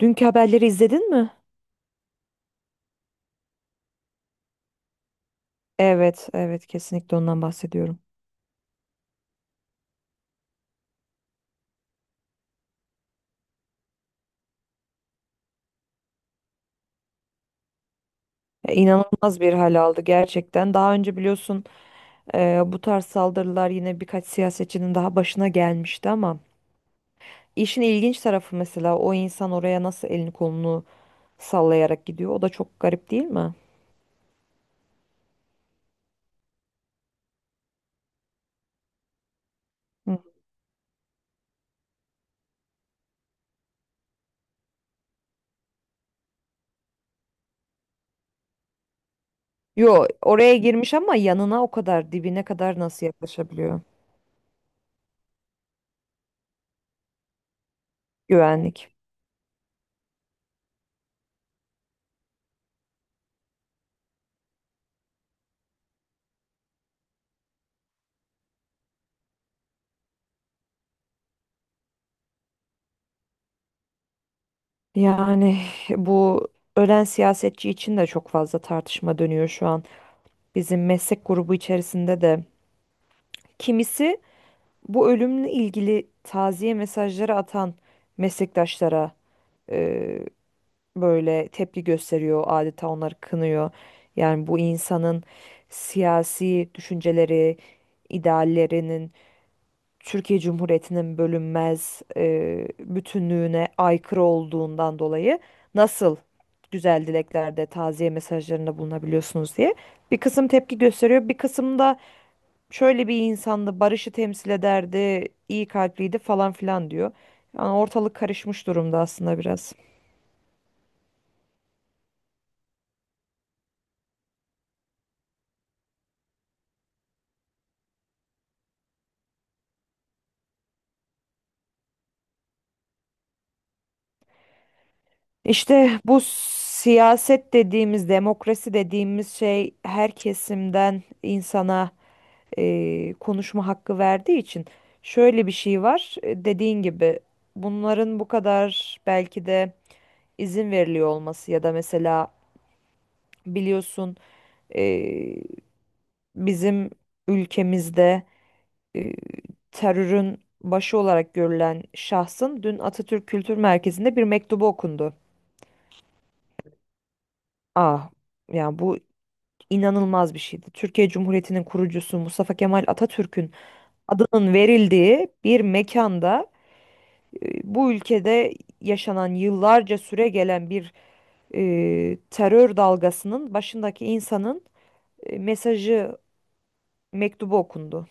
Dünkü haberleri izledin mi? Evet, evet, kesinlikle ondan bahsediyorum. Ya, İnanılmaz bir hal aldı gerçekten. Daha önce biliyorsun bu tarz saldırılar yine birkaç siyasetçinin daha başına gelmişti ama işin ilginç tarafı, mesela o insan oraya nasıl elini kolunu sallayarak gidiyor. O da çok garip değil mi? Hı. Yo, oraya girmiş ama yanına o kadar dibine kadar nasıl yaklaşabiliyor güvenlik? Yani bu ölen siyasetçi için de çok fazla tartışma dönüyor şu an. Bizim meslek grubu içerisinde de kimisi bu ölümle ilgili taziye mesajları atan meslektaşlara e, böyle tepki gösteriyor, adeta onları kınıyor. Yani bu insanın siyasi düşünceleri, ideallerinin Türkiye Cumhuriyeti'nin bölünmez bütünlüğüne aykırı olduğundan dolayı nasıl güzel dileklerde, taziye mesajlarında bulunabiliyorsunuz diye bir kısım tepki gösteriyor, bir kısım da şöyle bir insandı, barışı temsil ederdi, iyi kalpliydi falan filan diyor. Yani ortalık karışmış durumda aslında biraz. İşte bu siyaset dediğimiz, demokrasi dediğimiz şey her kesimden insana konuşma hakkı verdiği için şöyle bir şey var. E, dediğin gibi bunların bu kadar belki de izin veriliyor olması ya da mesela biliyorsun, e, bizim ülkemizde e, terörün başı olarak görülen şahsın dün Atatürk Kültür Merkezi'nde bir mektubu okundu. Ah, yani bu inanılmaz bir şeydi. Türkiye Cumhuriyeti'nin kurucusu Mustafa Kemal Atatürk'ün adının verildiği bir mekanda, bu ülkede yaşanan yıllarca süre gelen bir terör dalgasının başındaki insanın mesajı, mektubu okundu.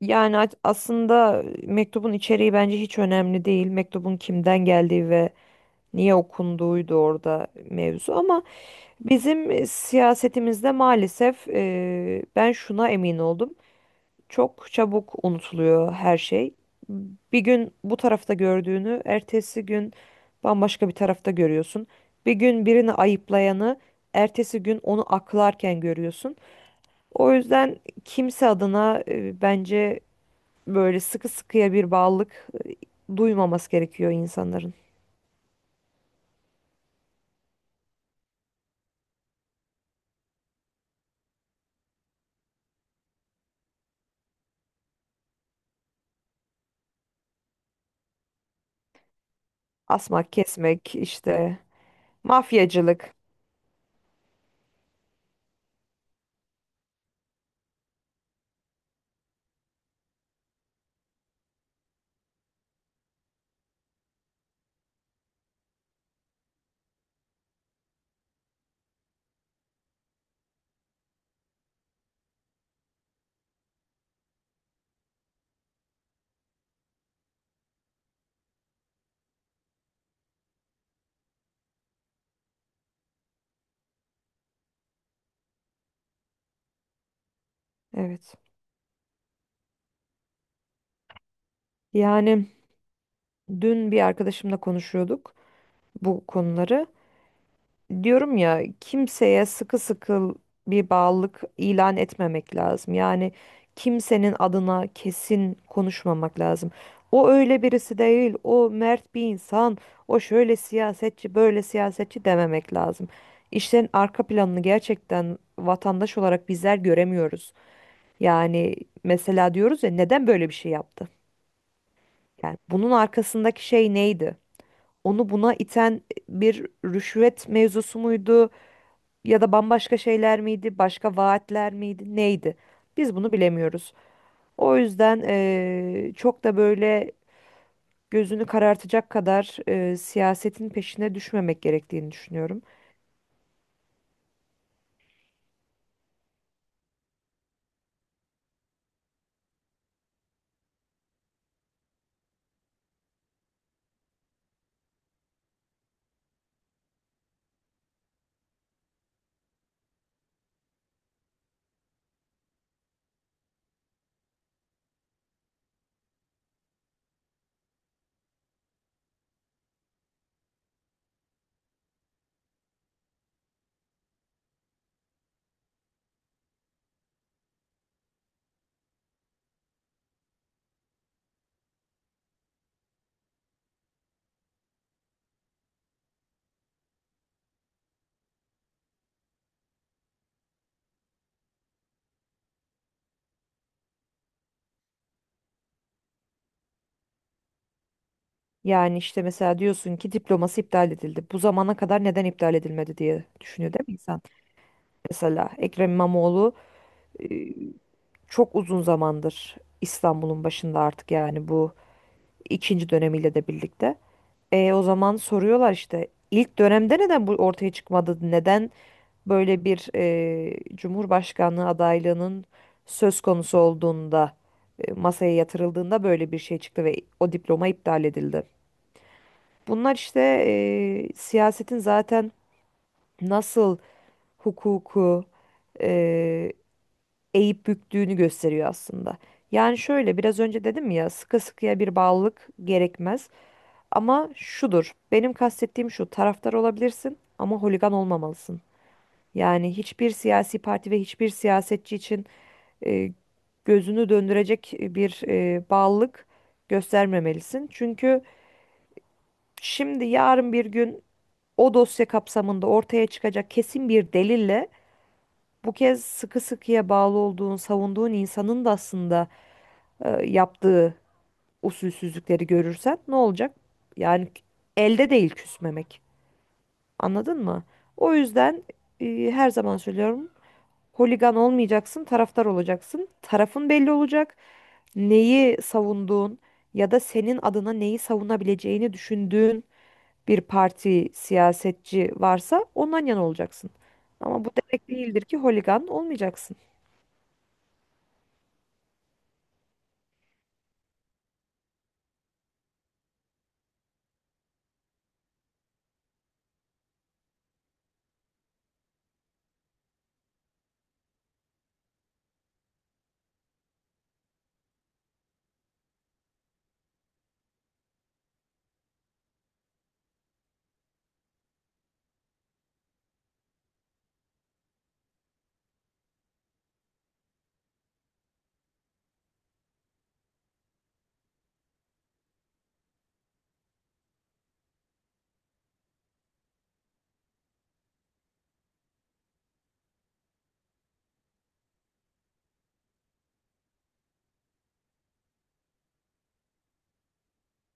Yani aslında mektubun içeriği bence hiç önemli değil. Mektubun kimden geldiği ve niye okunduğuydu orada mevzu ama bizim siyasetimizde maalesef, ben şuna emin oldum. Çok çabuk unutuluyor her şey. Bir gün bu tarafta gördüğünü, ertesi gün bambaşka bir tarafta görüyorsun. Bir gün birini ayıplayanı, ertesi gün onu aklarken görüyorsun. O yüzden kimse adına bence böyle sıkı sıkıya bir bağlılık duymaması gerekiyor insanların. Asmak, kesmek, işte mafyacılık. Evet. Yani dün bir arkadaşımla konuşuyorduk bu konuları. Diyorum ya, kimseye sıkı sıkı bir bağlılık ilan etmemek lazım. Yani kimsenin adına kesin konuşmamak lazım. O öyle birisi değil, o mert bir insan, o şöyle siyasetçi, böyle siyasetçi dememek lazım. İşlerin arka planını gerçekten vatandaş olarak bizler göremiyoruz. Yani mesela diyoruz ya, neden böyle bir şey yaptı? Yani bunun arkasındaki şey neydi? Onu buna iten bir rüşvet mevzusu muydu? Ya da bambaşka şeyler miydi, başka vaatler miydi, neydi? Biz bunu bilemiyoruz. O yüzden çok da böyle gözünü karartacak kadar siyasetin peşine düşmemek gerektiğini düşünüyorum. Yani işte mesela diyorsun ki diploması iptal edildi. Bu zamana kadar neden iptal edilmedi diye düşünüyor değil mi insan? Mesela Ekrem İmamoğlu eee, çok uzun zamandır İstanbul'un başında artık, yani bu ikinci dönemiyle de birlikte. E, o zaman soruyorlar işte, ilk dönemde neden bu ortaya çıkmadı? Neden böyle bir Cumhurbaşkanlığı adaylığının söz konusu olduğunda, masaya yatırıldığında böyle bir şey çıktı ve o diploma iptal edildi. Bunlar işte siyasetin zaten nasıl hukuku e, eğip büktüğünü gösteriyor aslında. Yani şöyle, biraz önce dedim ya, sıkı sıkıya bir bağlılık gerekmez. Ama şudur, benim kastettiğim şu, taraftar olabilirsin ama holigan olmamalısın. Yani hiçbir siyasi parti ve hiçbir siyasetçi için e, gözünü döndürecek bir bağlılık göstermemelisin. Çünkü şimdi yarın bir gün o dosya kapsamında ortaya çıkacak kesin bir delille bu kez sıkı sıkıya bağlı olduğun, savunduğun insanın da aslında yaptığı usulsüzlükleri görürsen ne olacak? Yani elde değil küsmemek. Anladın mı? O yüzden her zaman söylüyorum. Holigan olmayacaksın, taraftar olacaksın. Tarafın belli olacak. Neyi savunduğun ya da senin adına neyi savunabileceğini düşündüğün bir parti, siyasetçi varsa ondan yana olacaksın. Ama bu demek değildir ki holigan olmayacaksın.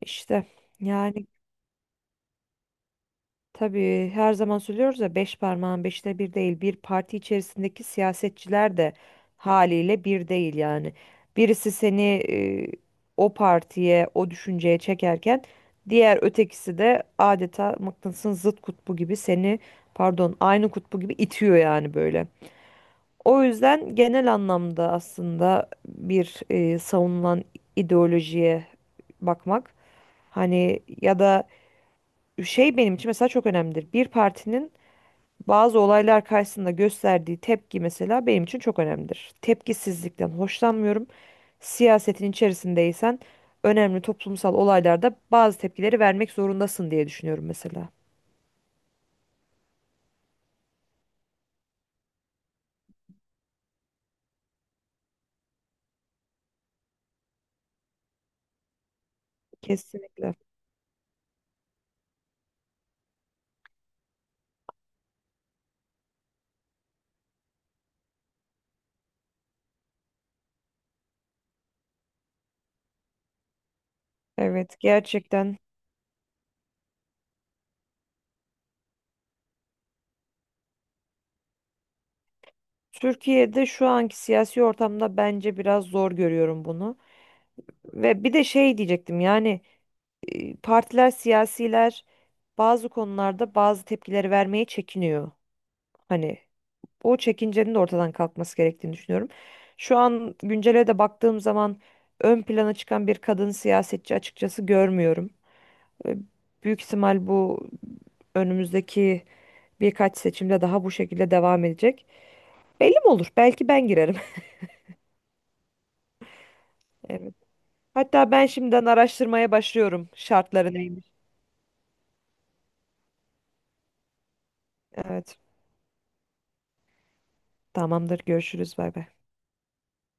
İşte yani tabii her zaman söylüyoruz ya, beş parmağın beşte bir değil. Bir parti içerisindeki siyasetçiler de haliyle bir değil yani. Birisi seni o partiye, o düşünceye çekerken diğer ötekisi de adeta mıknatısın zıt kutbu gibi seni, pardon, aynı kutbu gibi itiyor yani böyle. O yüzden genel anlamda aslında bir savunulan ideolojiye bakmak, hani, ya da şey, benim için mesela çok önemlidir. Bir partinin bazı olaylar karşısında gösterdiği tepki mesela benim için çok önemlidir. Tepkisizlikten hoşlanmıyorum. Siyasetin içerisindeysen önemli toplumsal olaylarda bazı tepkileri vermek zorundasın diye düşünüyorum mesela. Kesinlikle. Evet, gerçekten. Türkiye'de şu anki siyasi ortamda bence biraz zor görüyorum bunu. Ve bir de şey diyecektim, yani partiler, siyasiler bazı konularda bazı tepkileri vermeye çekiniyor. Hani o çekincenin de ortadan kalkması gerektiğini düşünüyorum. Şu an güncele de baktığım zaman ön plana çıkan bir kadın siyasetçi açıkçası görmüyorum. E, büyük ihtimal bu önümüzdeki birkaç seçimde daha bu şekilde devam edecek. Belli mi olur? Belki ben girerim. Evet. Hatta ben şimdiden araştırmaya başlıyorum şartları neymiş. Evet. Tamamdır. Görüşürüz. Bay bay.